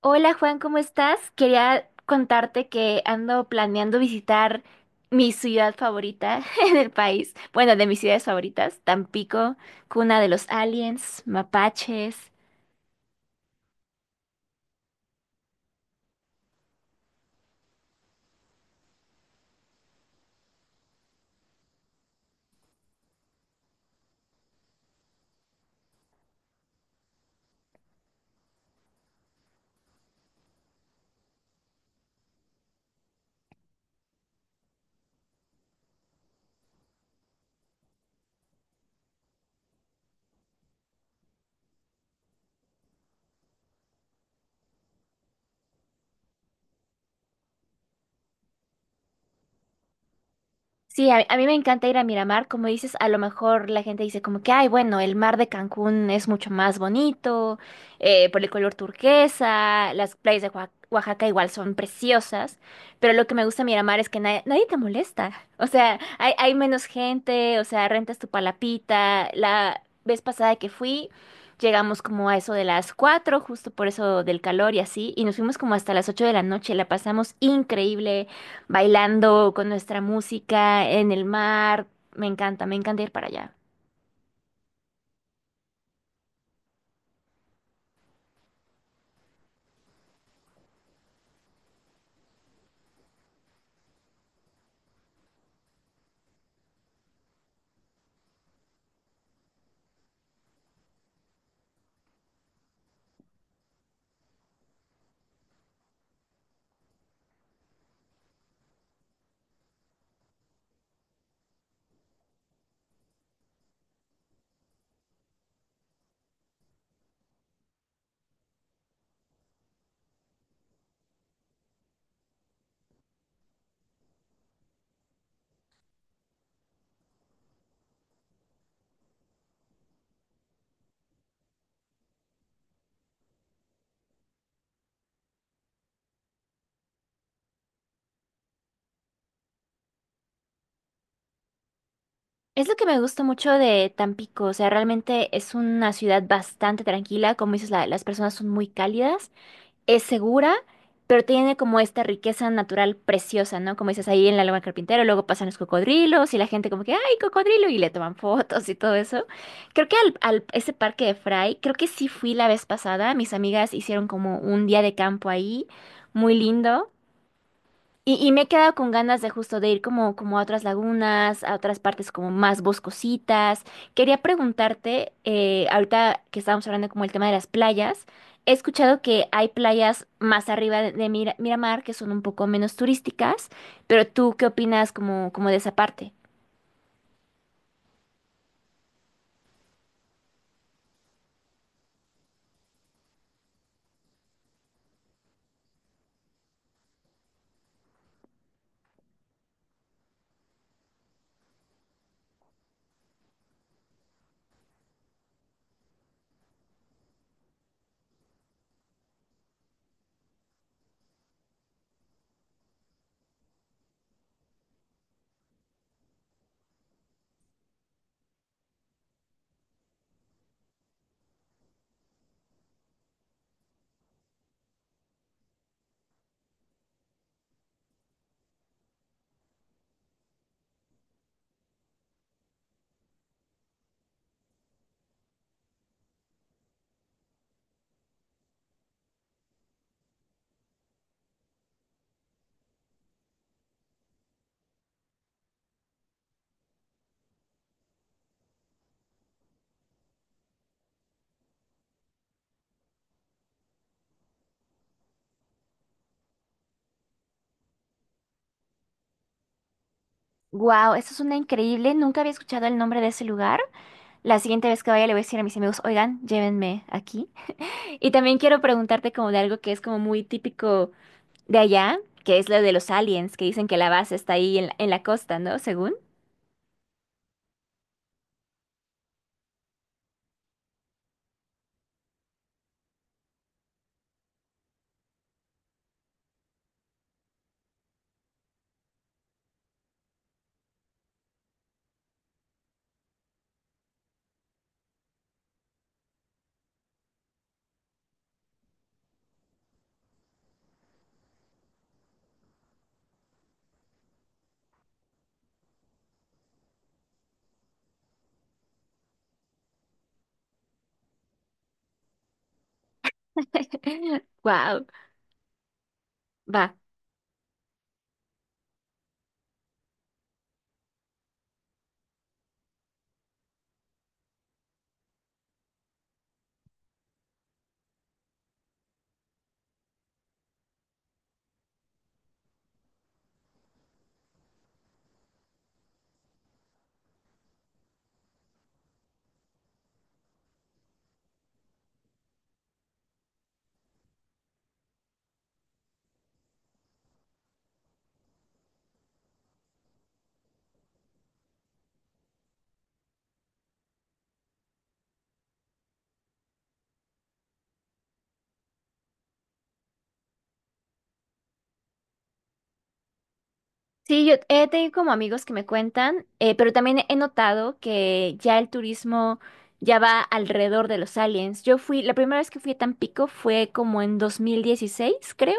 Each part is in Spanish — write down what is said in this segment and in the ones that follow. Hola Juan, ¿cómo estás? Quería contarte que ando planeando visitar mi ciudad favorita en el país. Bueno, de mis ciudades favoritas, Tampico, cuna de los aliens, mapaches. Sí, a mí me encanta ir a Miramar, como dices, a lo mejor la gente dice como que, ay, bueno, el mar de Cancún es mucho más bonito, por el color turquesa, las playas de Oaxaca igual son preciosas, pero lo que me gusta de Miramar es que nadie, nadie te molesta, o sea, hay menos gente, o sea, rentas tu palapita, la vez pasada que fui, llegamos como a eso de las 4, justo por eso del calor y así, y nos fuimos como hasta las 8 de la noche, la pasamos increíble bailando con nuestra música en el mar. Me encanta ir para allá. Es lo que me gusta mucho de Tampico, o sea, realmente es una ciudad bastante tranquila, como dices, las personas son muy cálidas, es segura, pero tiene como esta riqueza natural preciosa, ¿no? Como dices, ahí en la Laguna del Carpintero, luego pasan los cocodrilos y la gente como que, ¡ay, cocodrilo! Y le toman fotos y todo eso. Creo que ese parque de Fray, creo que sí fui la vez pasada, mis amigas hicieron como un día de campo ahí, muy lindo. Y me he quedado con ganas de justo de ir como, como a otras lagunas, a otras partes como más boscositas. Quería preguntarte, ahorita que estábamos hablando como el tema de las playas, he escuchado que hay playas más arriba de Miramar que son un poco menos turísticas, pero ¿tú qué opinas como, como de esa parte? Wow, eso es una increíble, nunca había escuchado el nombre de ese lugar. La siguiente vez que vaya le voy a decir a mis amigos, oigan, llévenme aquí. Y también quiero preguntarte como de algo que es como muy típico. De allá, que es lo de los aliens, que dicen que la base está ahí en la costa, ¿no? Según. Wow. Va. Sí, yo he tenido como amigos que me cuentan, pero también he notado que ya el turismo ya va alrededor de los aliens. Yo fui, la primera vez que fui a Tampico fue como en 2016 creo.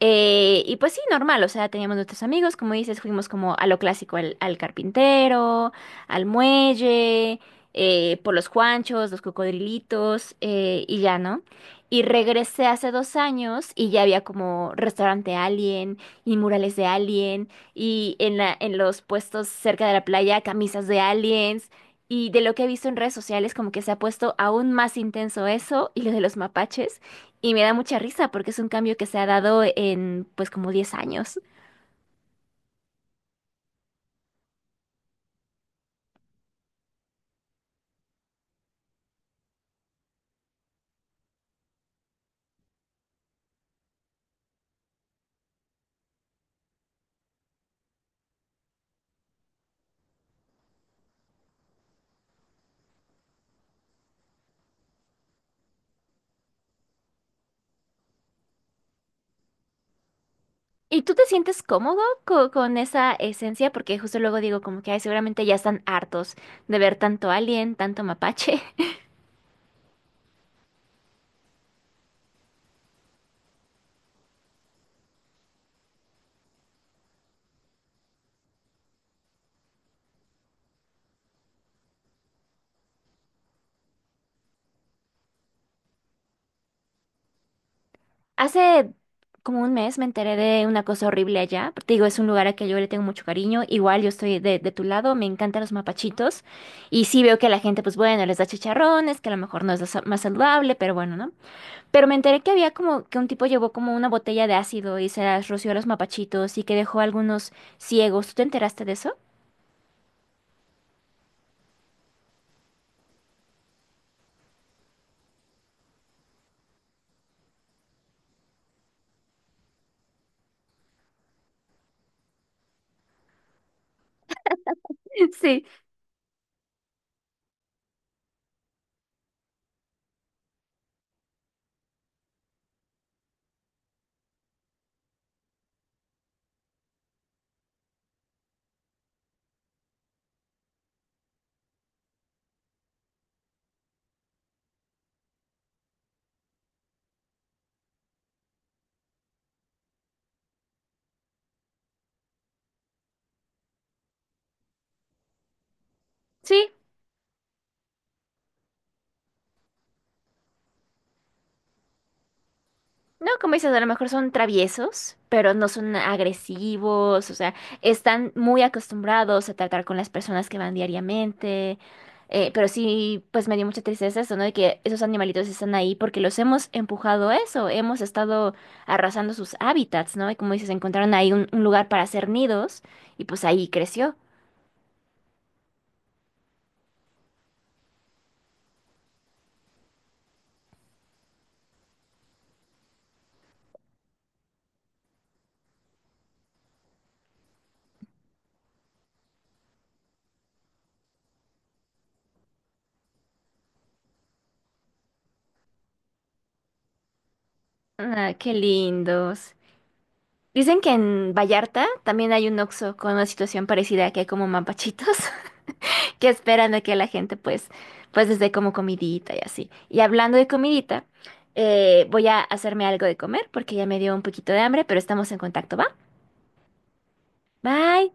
Y pues sí, normal, o sea, teníamos nuestros amigos, como dices, fuimos como a lo clásico, al carpintero, al muelle, por los Juanchos, los cocodrilitos, y ya, ¿no? Y regresé hace dos años y ya había como restaurante Alien y murales de Alien y en en los puestos cerca de la playa camisas de aliens y de lo que he visto en redes sociales como que se ha puesto aún más intenso eso y lo de los mapaches. Y me da mucha risa porque es un cambio que se ha dado en pues como 10 años. ¿Y tú te sientes cómodo con esa esencia? Porque justo luego digo como que ay, seguramente ya están hartos de ver tanto alien, tanto mapache. Hace como un mes me enteré de una cosa horrible allá. Te digo, es un lugar a que yo le tengo mucho cariño. Igual yo estoy de tu lado, me encantan los mapachitos. Y sí veo que la gente pues bueno, les da chicharrones, que a lo mejor no es lo más saludable, pero bueno, ¿no? Pero me enteré que había como que un tipo llevó como una botella de ácido y se las roció a los mapachitos y que dejó a algunos ciegos. ¿Tú te enteraste de eso? Sí, sí. No, como dices, a lo mejor son traviesos, pero no son agresivos, o sea, están muy acostumbrados a tratar con las personas que van diariamente. Pero sí, pues me dio mucha tristeza eso, ¿no? De que esos animalitos están ahí porque los hemos empujado a eso, hemos estado arrasando sus hábitats, ¿no? Y como dices, encontraron ahí un lugar para hacer nidos y pues ahí creció. Ah, qué lindos. Dicen que en Vallarta también hay un Oxxo con una situación parecida, que hay como mapachitos que esperan a que la gente pues, pues desde como comidita y así. Y hablando de comidita, voy a hacerme algo de comer porque ya me dio un poquito de hambre, pero estamos en contacto, ¿va? Bye.